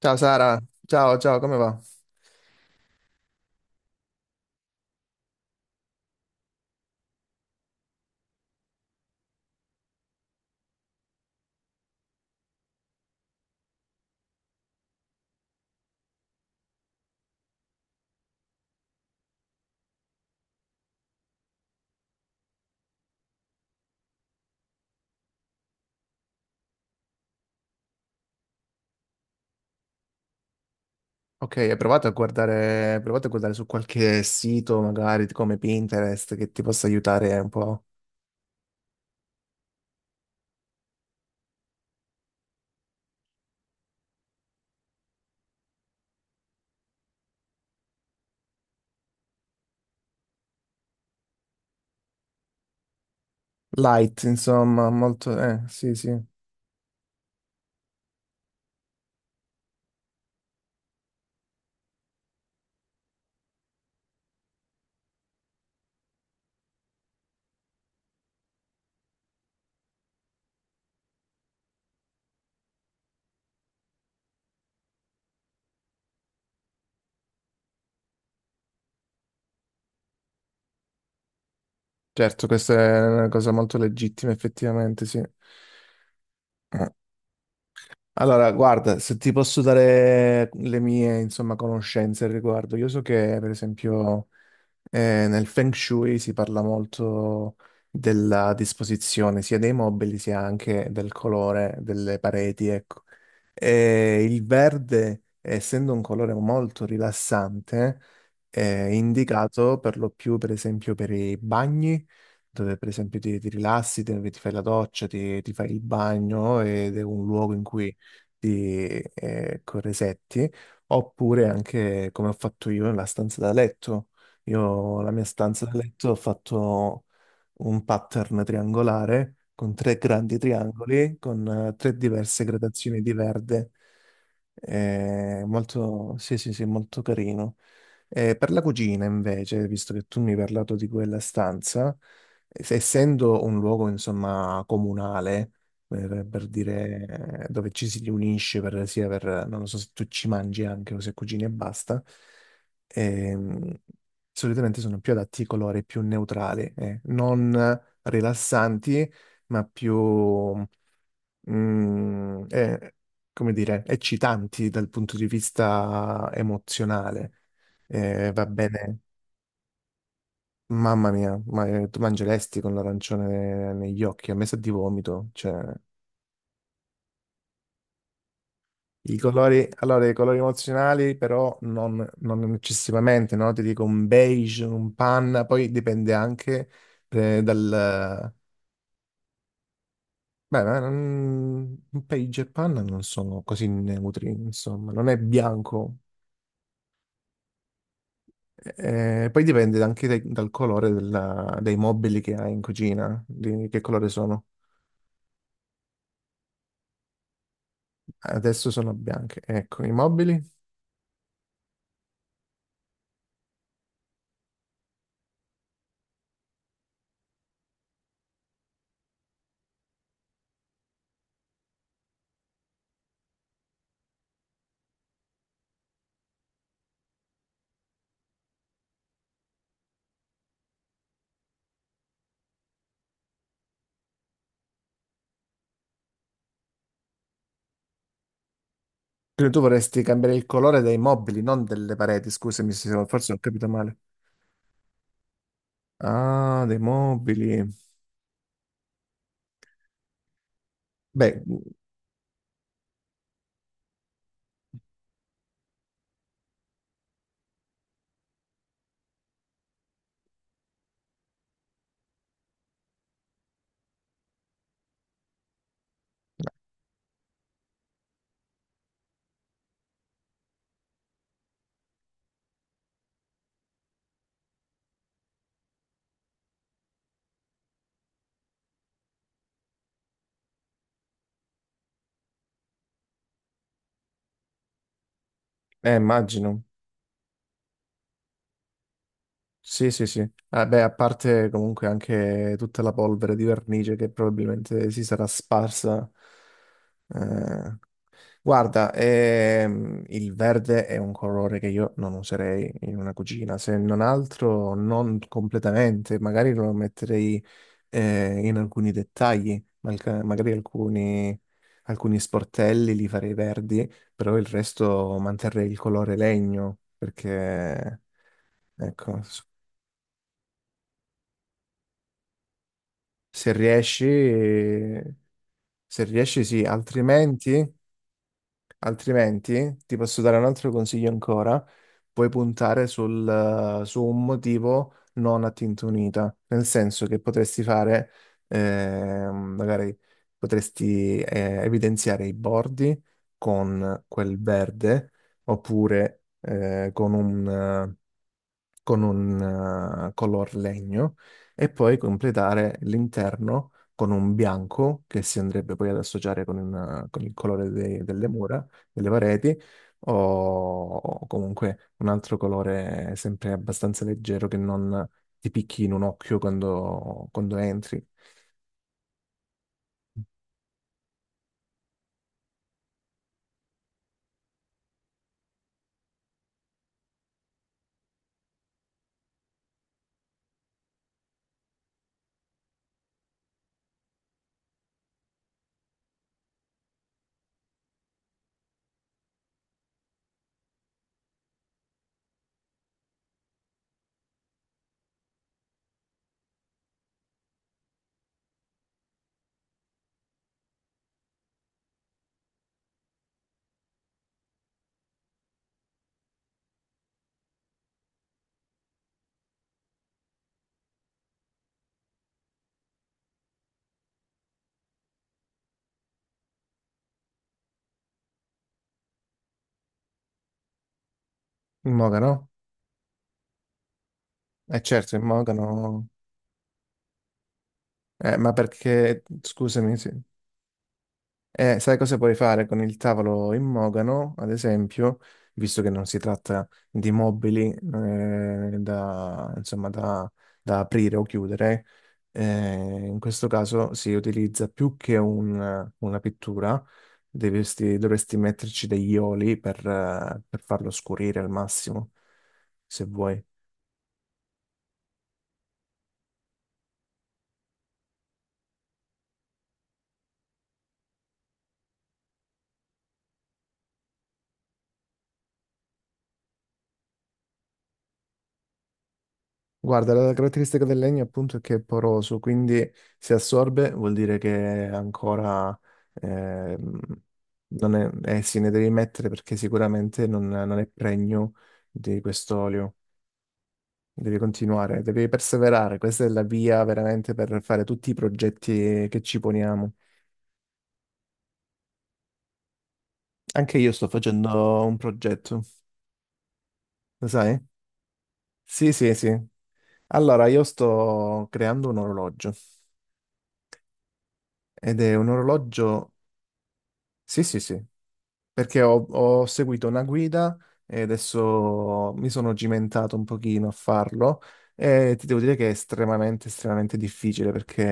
Ciao Sara, ciao, ciao, come va? Ok, hai provato a guardare, hai provato a guardare su qualche sito, magari come Pinterest, che ti possa aiutare un po'. Light, insomma, sì, sì. Certo, questa è una cosa molto legittima, effettivamente, sì. Eh. Allora, guarda, se ti posso dare le mie, insomma, conoscenze al riguardo, io so che, per esempio... Nel Feng Shui si parla molto della disposizione sia dei mobili sia anche del colore delle pareti, ecco. E il verde, essendo un colore molto rilassante, è indicato per lo più, per esempio, per i bagni, dove per esempio ti rilassi, dove ti fai la doccia, ti fai il bagno ed è un luogo in cui ti corresetti, oppure anche come ho fatto io nella stanza da letto. Io la mia stanza da letto ho fatto un pattern triangolare con tre grandi triangoli, con tre diverse gradazioni di verde. Molto, sì, sì, sì, molto carino. Per la cucina, invece, visto che tu mi hai parlato di quella stanza, essendo un luogo, insomma, comunale, per dire, dove ci si riunisce, per, sia per, non lo so se tu ci mangi anche o se cucini e basta, ehm, solitamente sono più adatti ai colori più neutrali, non rilassanti, ma più, mm, eh, come dire, eccitanti dal punto di vista emozionale. Va bene, mamma mia, ma tu mangeresti con l'arancione negli occhi, a me sa di vomito, cioè... I colori, allora, i colori emozionali però non eccessivamente, no? Ti dico un beige, un panna, poi dipende anche eh, dal, beh, ma un page e panna non sono così neutri, insomma, non è bianco. Poi dipende anche dal colore dei mobili che hai in cucina, di che colore sono. Adesso sono bianche. Ecco, i mobili. Quindi tu vorresti cambiare il colore dei mobili, non delle pareti, scusami se forse ho capito male. Ah, dei mobili. Beh, immagino. Sì, sì, sì. Ah, beh, a parte comunque anche tutta la polvere di vernice che probabilmente si sarà sparsa. Eh, Guarda, il verde è un colore che io non userei in una cucina, se non altro non completamente, magari lo metterei in alcuni dettagli, magari alcuni, alcuni sportelli li farei verdi, però il resto manterrei il colore legno, perché... Ecco, se riesci, se riesci sì, altrimenti, altrimenti ti posso dare un altro consiglio ancora. Puoi puntare sul, su un motivo non a tinta unita, nel senso che potresti fare, magari potresti evidenziare i bordi con quel verde oppure con un color legno e poi completare l'interno con un bianco che si andrebbe poi ad associare con, con il colore delle mura, delle pareti o, o comunque un altro colore sempre abbastanza leggero che non ti picchi in un occhio quando, quando entri. Il mogano? Eh certo, il mogano. Ma perché, scusami, sì. Sai cosa puoi fare con il tavolo in mogano, ad esempio, visto che non si tratta di mobili da, insomma, da, da aprire o chiudere, eh, in questo caso si utilizza più che una pittura, dovresti, dovresti metterci degli oli per farlo scurire al massimo, se vuoi. Guarda, la caratteristica del legno appunto è che è poroso, quindi se assorbe vuol dire che è ancora ehm, non è, eh sì, ne devi mettere perché sicuramente non è pregno di quest'olio. Devi continuare, devi perseverare, questa è la via veramente per fare tutti i progetti che ci poniamo. Anche io sto facendo un progetto, lo sai? Sì, sì, sì. Allora, io sto creando un orologio ed è un orologio, sì, sì, sì, perché ho seguito una guida e adesso mi sono cimentato un pochino a farlo e ti devo dire che è estremamente, estremamente difficile perché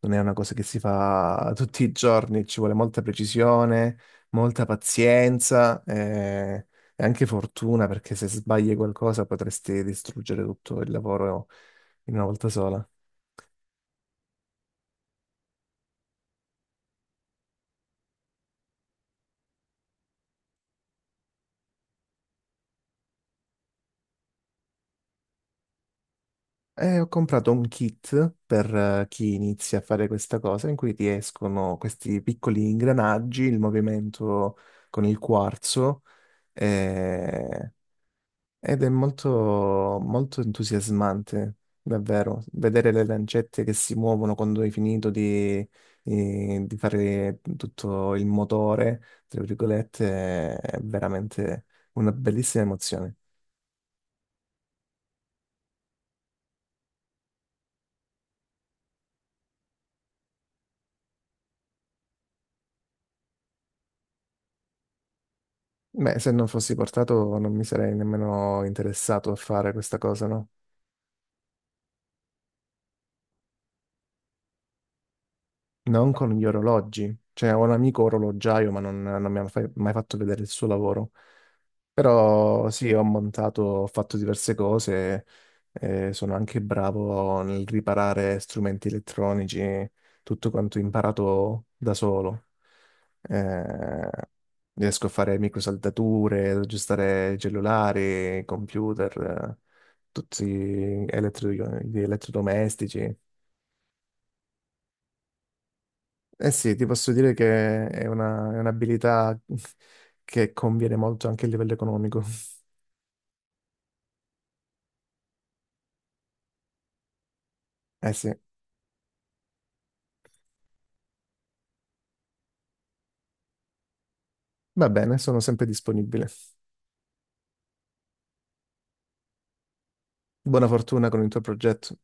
non è una cosa che si fa tutti i giorni, ci vuole molta precisione, molta pazienza e anche fortuna perché se sbagli qualcosa potresti distruggere tutto il lavoro in una volta sola. Ho comprato un kit per chi inizia a fare questa cosa in cui ti escono questi piccoli ingranaggi, il movimento con il quarzo eh, ed è molto, molto entusiasmante, davvero, vedere le lancette che si muovono quando hai finito di fare tutto il motore, tra virgolette, è veramente una bellissima emozione. Beh, se non fossi portato non mi sarei nemmeno interessato a fare questa cosa, no? Non con gli orologi. Cioè, ho un amico orologiaio, ma non mi ha mai fatto vedere il suo lavoro. Però sì, ho montato, ho fatto diverse cose, sono anche bravo nel riparare strumenti elettronici, tutto quanto imparato da solo. Eh, riesco a fare microsaldature, ad aggiustare cellulari, computer, tutti gli elettrodomestici. Eh sì, ti posso dire che è è un'abilità che conviene molto anche a livello economico. Eh sì. Va bene, sono sempre disponibile. Buona fortuna con il tuo progetto.